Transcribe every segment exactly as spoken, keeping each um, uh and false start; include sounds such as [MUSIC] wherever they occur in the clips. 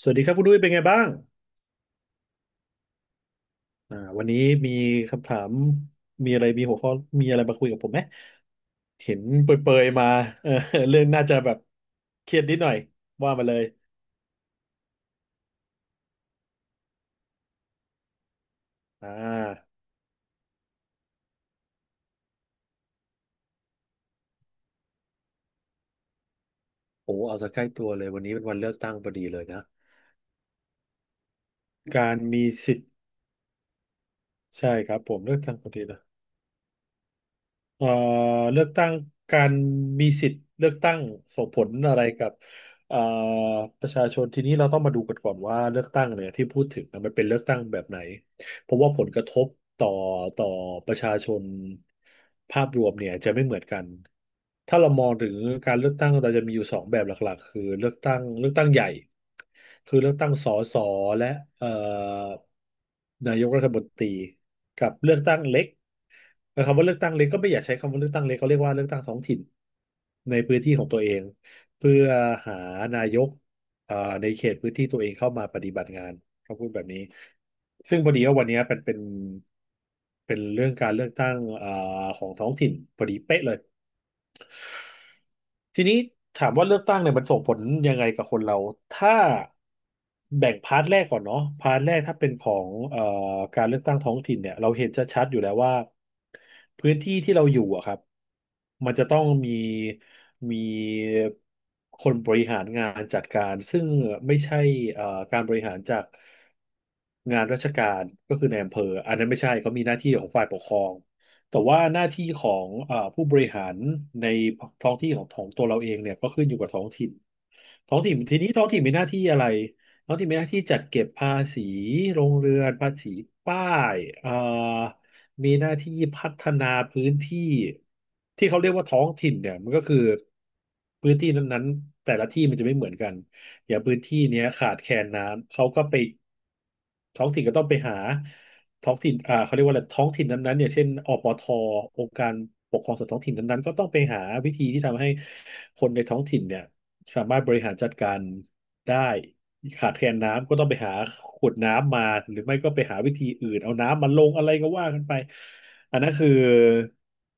สวัสดีครับคุณดุ้ยเป็นไงบ้างอ่าวันนี้มีคำถามมีอะไรมีหัวข้อมีอะไรมาคุยกับผมไหมเห็นเปรยๆมาเออเรื่องน่าจะแบบเครียดนิดหน่อยว่ามาเลยอ่าโอ้เอาซะใกล้ตัวเลยวันนี้เป็นวันเลือกตั้งพอดีเลยนะการมีสิทธิ์ใช่ครับผมเลือกตั้งพอดีนะเอ่อเลือกตั้งการมีสิทธิ์เลือกตั้งส่งผลอะไรกับเอ่อประชาชนทีนี้เราต้องมาดูกันก่อนว่าเลือกตั้งเนี่ยที่พูดถึงนะมันเป็นเลือกตั้งแบบไหน เพราะว่าผลกระทบต่อต่อประชาชนภาพรวมเนี่ยจะไม่เหมือนกันถ้าเรามองถึงการเลือกตั้งเราจะมีอยู่สองแบบหลักๆคือเลือกตั้งเลือกตั้งใหญ่คือเลือกตั้งสสและเอ่อนายกรัฐมนตรีกับเลือกตั้งเล็กนะครับว่าเลือกตั้งเล็กก็ไม่อยากใช้คำว่าเลือกตั้งเล็กเขาเรียกว่าเลือกตั้งท้องถิ่นในพื้นที่ของตัวเองเพื่อหานายกเอ่อในเขตพื้นที่ตัวเองเข้ามาปฏิบัติงาน เขาพูดแบบนี้ ซึ่งพอดีว่าวันเนี้ยเป็นเป็นเป็นเรื่องการเลือกตั้งอ่าของท้องถิ่นพอดีเป๊ะเลย ทีนี้ถามว่าเลือกตั้งเนี่ยมันส่งผลยังไงกับคนเราถ้าแบ่งพาร์ทแรกก่อนเนาะพาร์ทแรกถ้าเป็นของเอ่อการเลือกตั้งท้องถิ่นเนี่ยเราเห็นชัดๆอยู่แล้วว่าพื้นที่ที่เราอยู่อะครับมันจะต้องมีมีคนบริหารงานจัดการซึ่งไม่ใช่เอ่อการบริหารจากงานราชการก็คือในอำเภออันนั้นไม่ใช่เขามีหน้าที่ของฝ่ายปกครอง แต่ว่าหน้าที่ของเอ่อผู้บริหารในท้องที่ของของตัวเราเองเนี่ยก็ขึ้นอยู่กับท้องถิ่นท้องถิ่นทีนี้ท้องถิ่นมีหน้าที่อะไรท้องถิ่นมีหน้าที่จัดเก็บภาษีโรงเรือนภาษีป้ายเอ่อมีหน้าที่พัฒนาพื้นที่ที่เขาเรียกว่าท้องถิ่นเนี่ยมันก็คือพื้นที่นั้นๆแต่ละที่มันจะไม่เหมือนกันอย่างพื้นที่เนี้ยขาดแคลนน้ำเขาก็ไปท้องถิ่นก็ต้องไปหา ท้องถิ่นอ่าเขาเรียกว่าอะไรท้องถิ่นนั้นๆเนี่ยเช่นอ ป ทองค์การปกครองส่วนท้องถิ่นนั้นๆก็ต้องไปหาวิธีที่ทำให้คนในท้องถิ่นเนี่ยสามารถบริหารจัดการได้ขาดแคลนน้ำก็ต้องไปหาขวดน้ำมาหรือไม่ก็ไปหาวิธีอื่นเอาน้ำมาลงอะไรก็ว่ากันไปอันนั้นคือ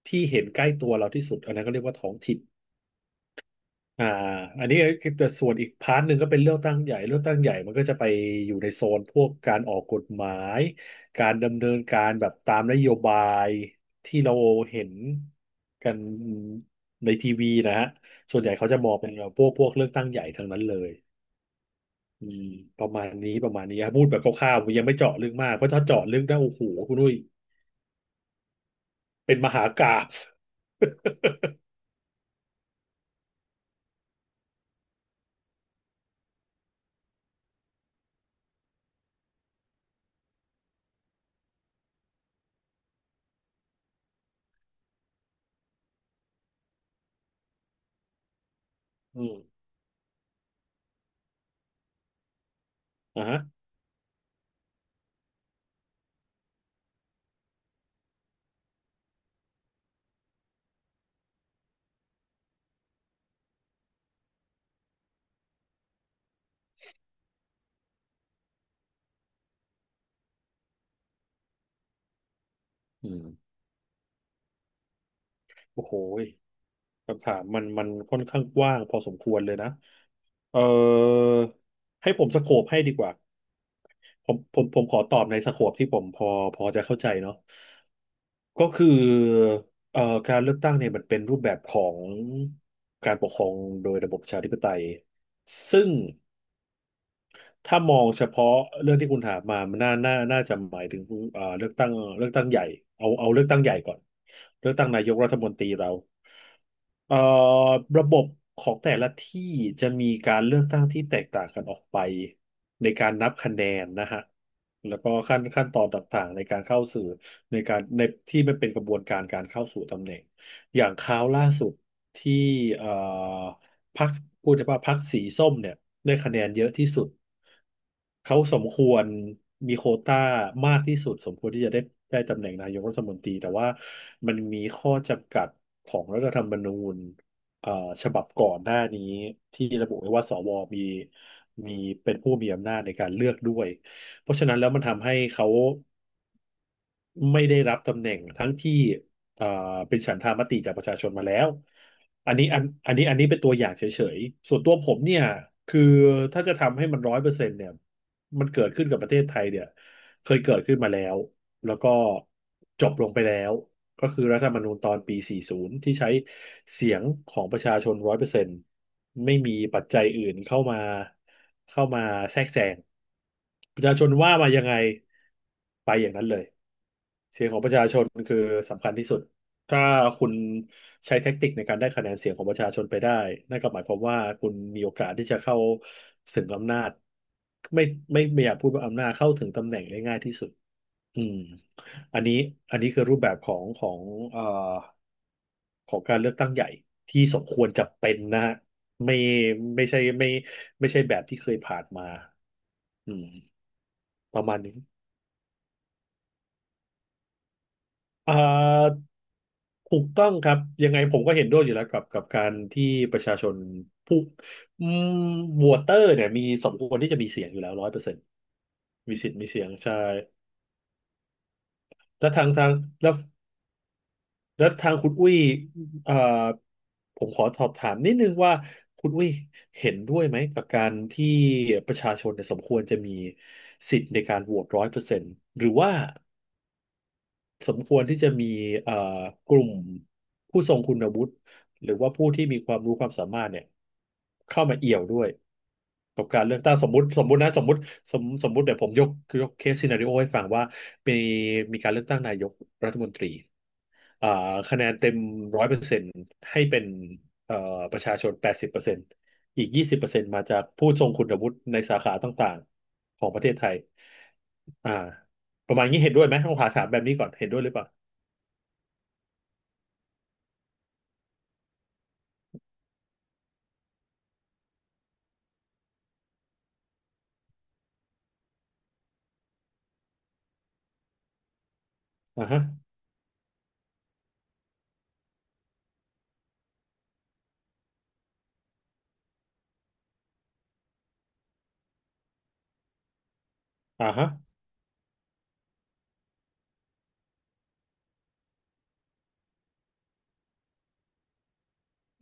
ที่เห็นใกล้ตัวเราที่สุดอันนั้นก็เรียกว่าท้องถิ่น อ่าอันนี้คือแต่ส่วนอีกพาร์ทหนึ่งก็เป็นเลือกตั้งใหญ่เลือกตั้งใหญ่มันก็จะไปอยู่ในโซนพวกการออกกฎหมายการดำเนินการแบบตามนโยบายที่เราเห็นกันในทีวีนะฮะส่วนใหญ่เขาจะมองเป็นพวกพวกเลือกตั้งใหญ่ทั้งนั้นเลยอืมประมาณนี้ประมาณนี้ครับพูดแบบคร่าวๆยังไม่เจาะลึกมากเพราะถ้าเจาะลึกได้โอ้โหคุณนุ้ยเป็นมหากาพย์ [LAUGHS] อืมอ่ะฮะอืมโอ้โห คำถามมันมันค่อนข้างกว้างพอสมควรเลยนะเออให้ผมสโคปให้ดีกว่าผมผมผมขอตอบในสโคปที่ผมพอพอจะเข้าใจเนาะก็คือเอ่อการเลือกตั้งเนี่ยมันเป็นรูปแบบของการปกครองโดยระบบประชาธิปไตยซึ่ง ถ้ามองเฉพาะเรื่องที่คุณถามมามันน่าน่าน่าจะหมายถึงเอ่อเลือกตั้งเลือกตั้งใหญ่เอาเอาเลือกตั้งใหญ่ก่อนเลือกตั้งนายกรัฐมนตรีเราเอ่อระบบของแต่ละที่จะมีการเลือกตั้งที่แตกต่างกันออกไปในการนับคะแนนนะฮะแล้วก็ขั้นขั้นตอนต่างๆในการเข้าสู่ในการในที่มันเป็นกระบวนการการเข้าสู่ตำแหน่งอย่างคราวล่าสุดที่เอ่อ พรรคพูดได้ว่าพรรคสีส้มเนี่ยได้คะแนนเยอะที่สุดเขาสมควรมีโควต้ามากที่สุดสมควรที่จะได้ได้ตำแหน่งนายกรัฐมนตรีแต่ว่ามันมีข้อจำกัดของรัฐธรรมนูญเอ่อฉบับก่อนหน้านี้ที่ระบุไว้ว่าสวมีมีเป็นผู้มีอำนาจในการเลือกด้วยเพราะฉะนั้นแล้วมันทำให้เขา ไม่ได้รับตำแหน่งทั้งที่เอ่อเป็นฉันทามติจากประชาชนมาแล้วอันนี้อันอันนี้อันนี้เป็นตัวอย่างเฉยๆ ส่วนตัวผมเนี่ยคือถ้าจะทำให้มันร้อยเปอร์เซ็นต์เนี่ยมันเกิดขึ้นกับประเทศไทยเนี่ยเคยเกิดขึ้นมาแล้วแล้วก็จบลงไปแล้วก็คือรัฐธรรมนูญตอนปีสี่สิบที่ใช้เสียงของประชาชนร้อยเปอร์เซ็นต์ไม่มีปัจจัยอื่นเข้ามาเข้ามาแทรกแซงประชาชนว่ามายังไงไปอย่างนั้นเลย เสียงของประชาชนคือสำคัญที่สุด ถ้าคุณใช้แท็กติกในการได้คะแนนเสียงของประชาชนไปได้นั่นก็หมายความว่าคุณมีโอกาสที่จะเข้าถึงอำนาจไม่ไม่ไม่อยากพูดว่าอำนาจเข้าถึงตำแหน่งได้ง่ายที่สุดอืมอันนี้อันนี้คือรูปแบบของของเอ่อของการเลือกตั้งใหญ่ที่สมควรจะเป็นนะฮะไม่ไม่ใช่ไม่ไม่ใช่แบบที่เคยผ่านมาอืมประมาณนี้ อ่าถูกต้องครับ ยังไงผมก็เห็นด้วยอยู่แล้วกับกับการที่ประชาชนผู้อืมวอเตอร์เนี่ยมีสมควรที่จะมีเสียงอยู่แล้วร้อยเปอร์เซ็นต์มีสิทธิ์มีเสียงใช่แล้วทางทางแล้วแล้วทางคุณอุ้ยเอ่อผมขอสอบถามนิดนึงว่าคุณอุ้ยเห็นด้วยไหมกับการที่ประชาชนเนี่ยสมควรจะมีสิทธิ์ในการโหวตร้อยเปอร์เซ็นต์หรือว่า สมควรที่จะมีเอ่อกลุ่มผู้ทรงคุณวุฒิหรือว่าผู้ที่มีความรู้ความสามารถเนี่ยเข้ามาเอี่ยวด้วยกับการเลือกตั้งสมมุติสมมุตินะสมมุติสมสมมุติเดี๋ยวผมยกยกเคสซีนาริโอให้ฟังว่ามีมีการเลือกตั้งนายกรัฐมนตรีอ่าคะแนนเต็มร้อยเปอร์เซ็นต์ให้เป็นเอ่อประชาชนแปดสิบเปอร์เซ็นต์อีกยี่สิบเปอร์เซ็นต์มาจากผู้ทรงคุณวุฒิในสาขาต่างๆของประเทศไทยอ่าประมาณนี้เห็นด้วยไหมต้องถามแบบนี้ก่อนเห็นด้วยหรือเปล่า อ่าฮะอ่าฮะ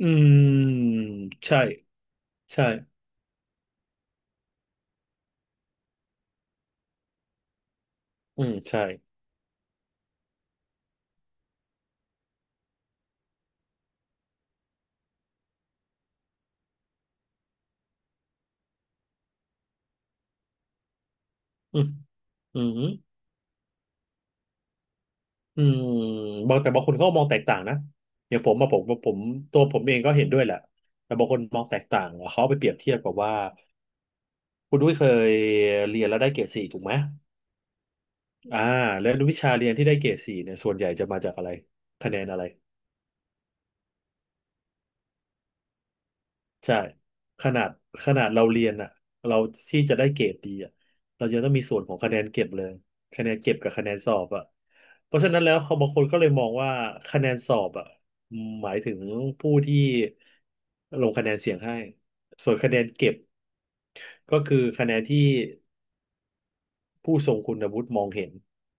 อืมใช่ใช่อืมใช่อืมอืมอืมบางแต่บางคนเขาก็มองแตกต่างนะอย่างผมมาผมผมตัวผมเองก็เห็นด้วยแหละแต่บางคนมองแตกต่างเขาเอาไปเปรียบเทียบกับว่าคุณด้วยเคยเรียนแล้วได้เกรดสี่ถูกไหมอ่าแล้ววิชาเรียนที่ได้เกรดสี่เนี่ยส่วนใหญ่จะมาจากอะไรคะแนนอะไร ใช่ขนาดขนาดเราเรียนอ่ะเราที่จะได้เกรดดีอ่ะเราจะต้องมีส่วนของคะแนนเก็บเลยคะแนนเก็บกับคะแนนสอบอ่ะเพราะฉะนั้นแล้วเขาบางคนก็เลยมองว่าคะแนนสอบอ่ะหมายถึงผู้ที่ลงคะแนนเสียงให้ส่วนคะแนนเก็บก็คือคะแนนที่ผู้ทรงคุณวุฒิมองเห็น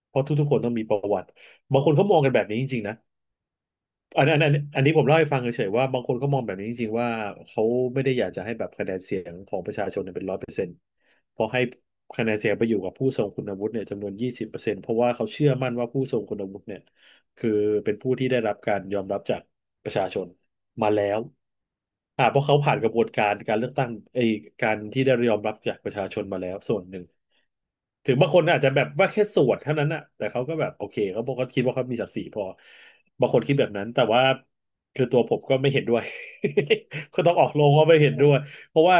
เพราะทุกๆคนต้องมีประวัติบางคนเขามองกันแบบนี้จริงๆนะอันอันอันอันนี้ผมเล่าให้ฟังเฉยๆว่าบางคนก็มองแบบนี้จริงๆว่าเขาไม่ได้อยากจะให้แบบคะแนนเสียงของประชาชนเนี่ยเป็น เพราะให้คะแนนเสียงไปอยู่กับผู้ทรงคุณวุฒิเนี่ยจำนวนยี่สิบเปอร์เซ็นต์เพราะว่าเขาเชื่อมั่นว่าผู้ทรงคุณวุฒิเนี่ยคือเป็นผู้ที่ได้รับการยอมรับจากประชาชนมาแล้วอ่าเพราะเขาผ่านกระบวนการการเลือกตั้งไอ้การที่ได้ยอมรับจากประชาชนมาแล้วส่วนหนึ่งถึงบางคนอาจจะแบบว่าแค่ส่วนเท่านั้นอะแต่เขาก็แบบโอเคเขาบอกเขาคิดว่าเขามีศักดิ์ศรีพอบางคนคิดแบบนั้นแต่ว่าคือตัวผมก็ไม่เห็นด้วย [LAUGHS] ก็ต้องออกโรงว่าไม่เห็นด้วยเพราะว่า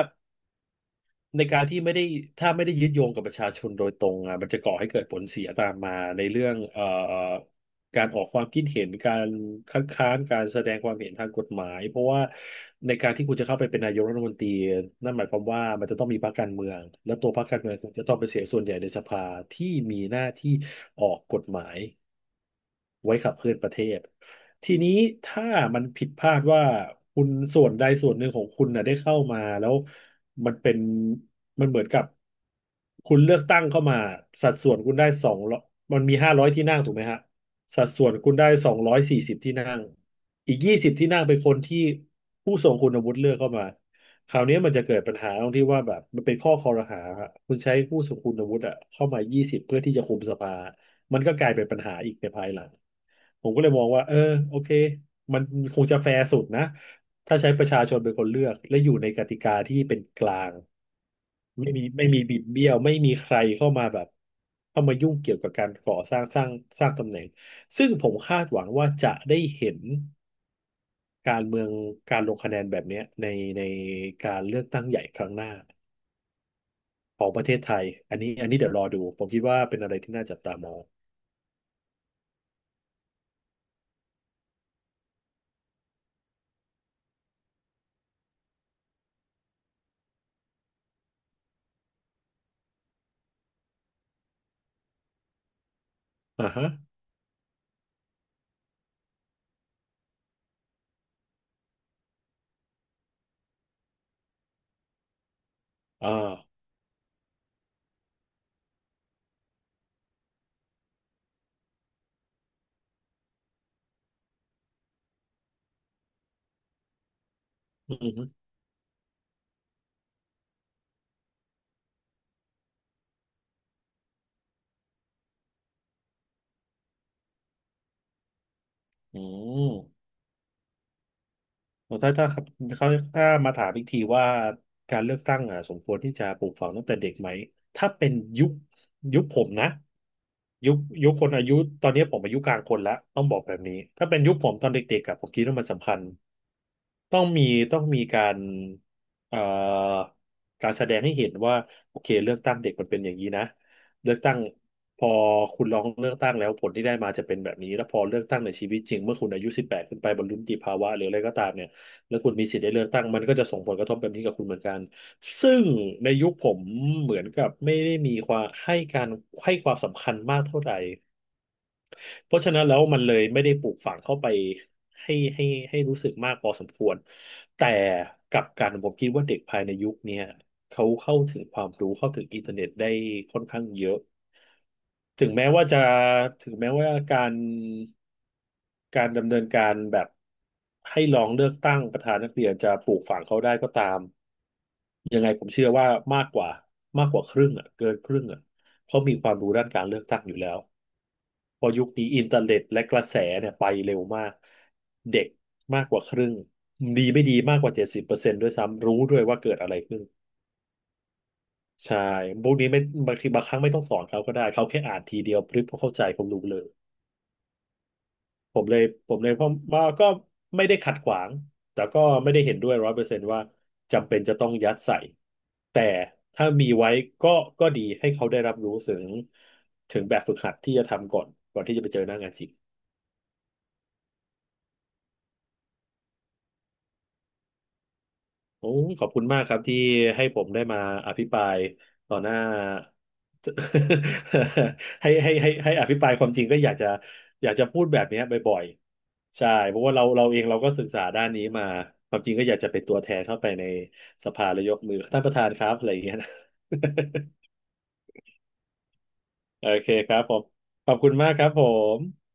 ในการที่ไม่ได้ถ้าไม่ได้ยึดโยงกับประชาชนโดยตรงอ่ะมันจะก่อให้เกิดผลเสียตามมาในเรื่องเอ่อการออกความคิดเห็นการคัดค้านการแสดงความเห็นทางกฎหมายเพราะว่าในการที่คุณจะเข้าไปเป็นนายกรัฐมนตรีนั่นหมายความว่ามันจะต้องมีพรรคการเมืองและตัวพรรคการเมืองคุณจะต้องเป็นเสียงส่วนใหญ่ในสภาที่มีหน้าที่ออกกฎหมาย ไว้ขับเคลื่อนประเทศ ทีนี้ถ้ามันผิดพลาดว่าคุณส่วนใดส่วนหนึ่งของคุณน่ะได้เข้ามาแล้วมันเป็นมันเหมือนกับคุณเลือกตั้งเข้ามาสัดส่วนคุณได้สองร้อยมันมีห้าร้อยที่นั่งถูกไหมฮะสัดส่วนคุณได้สองร้อยสี่สิบที่นั่งอีกยี่สิบที่นั่งเป็นคนที่ผู้ทรงคุณวุฒิเลือกเข้ามาคราวนี้มันจะเกิดปัญหาตรงที่ว่าแบบมันเป็นข้อคอรหาฮะคุณใช้ผู้ทรงคุณวุฒิอะเข้ามายี่สิบเพื่อที่จะคุมสภา มันก็กลายเป็นปัญหาอีกในภายหลัง ผมก็เลยมองว่าเออโอเคมันคงจะแฟร์สุดนะถ้าใช้ประชาชนเป็นคนเลือกและอยู่ในกติกาที่เป็นกลางไม่มีไม่มีบิดเบี้ยวไม่มีใครเข้ามาแบบเข้ามายุ่งเกี่ยวกับการก่อสร้างสร้างสร้างตำแหน่งซึ่งผมคาดหวังว่าจะได้เห็นการเมืองการลงคะแนนแบบเนี้ยในในการเลือกตั้งใหญ่ครั้งหน้าของประเทศไทยอันนี้อันนี้เดี๋ยวรอดูผมคิดว่าเป็นอะไรที่น่าจับตามองอ่าฮะอ่าอืม อืม ถ้าถ้าครับเขาถ้ามาถามอีกทีว่าการเลือกตั้งอ่ะสมควรที่จะปลูกฝังตั้งแต่เด็กไหมถ้าเป็นยุคยุคผมนะยุคยุคคนอายุตอนนี้ผมอายุกลางคนแล้วต้องบอกแบบนี้ถ้าเป็นยุคผมตอนเด็กๆอะผมคิดว่ามันสำคัญต้องมีต้องมีการเอ่อการแสดงให้เห็นว่าโอเคเลือกตั้งเด็กมันเป็นอย่างนี้นะเลือกตั้งพอคุณลองเลือกตั้งแล้วผลที่ได้มาจะเป็นแบบนี้แล้วพอเลือกตั้งในชีวิตจริงเมื่อคุณอายุสิบแปดขึ้นไปบรรลุนิติภาวะหรืออะไรก็ตามเนี่ย แล้วคุณมีสิทธิ์ได้เลือกตั้งมันก็จะส่งผลกระทบแบบนี้กับคุณเหมือนกัน ซึ่งในยุคผมเหมือนกับไม่ได้มีความให้การให้ความสำคัญมากเท่าไหร่ เพราะฉะนั้นแล้วมันเลยไม่ได้ปลูกฝังเข้าไปให้ให้ให้รู้สึกมากพอสมควรแต่กลับกันผมคิดว่าเด็กภายในยุคเนี้ยเขาเข้าถึงความรู้เข้าถึงอินเทอร์เน็ตได้ค่อนข้างเยอะถึงแม้ว่าจะถึงแม้ว่าการการดำเนินการแบบให้ลองเลือกตั้งประธานนักเรียนจะปลูกฝังเขาได้ก็ตามยังไงผมเชื่อว่ามากกว่ามากกว่าครึ่งอ่ะเกินครึ่งอ่ะเขามีความรู้ด้านการเลือกตั้งอยู่แล้ว พอยุคนี้อินเทอร์เน็ตและกระแสเนี่ยไปเร็วมากเด็กมากกว่าครึ่งดีไม่ดีมากกว่าเจ็ดสิบเปอร์เซ็นต์ด้วยซ้ำรู้ด้วยว่าเกิดอะไรขึ้นใช่พวกนี้ไม่บางทีบางครั้งไม่ต้องสอนเขาก็ได้เขาแค่อ่านทีเดียวพริบเขาเข้าใจเขารู้เลยผมเลยผมเลยเพราะว่าก็ไม่ได้ขัดขวางแต่ก็ไม่ได้เห็นด้วยร้อยเปอร์เซ็นต์ว่าจำเป็นจะต้องยัดใส่แต่ถ้ามีไว้ก็ก็ดีให้เขาได้รับรู้ถึงถึงแบบฝึกหัดที่จะทำก่อนก่อนที่จะไปเจอหน้างานจริง โอ้ขอบคุณมากครับที่ให้ผมได้มาอภิปรายต่อหน้า [LAUGHS] ให้ให้ให้ให้อภิปรายความจริงก็อยากจะอยากจะพูดแบบเนี้ยบ่อยๆใช่เพราะว่าเราเราเองเราก็ศึกษาด้านนี้มาความจริงก็อยากจะเป็นตัวแทนเข้าไปในสภาแล้วยกมือท่านประธานครับอะไรอย่างเงี้ยนะ [LAUGHS] โอเคครับผมขอบคุณมากครับผม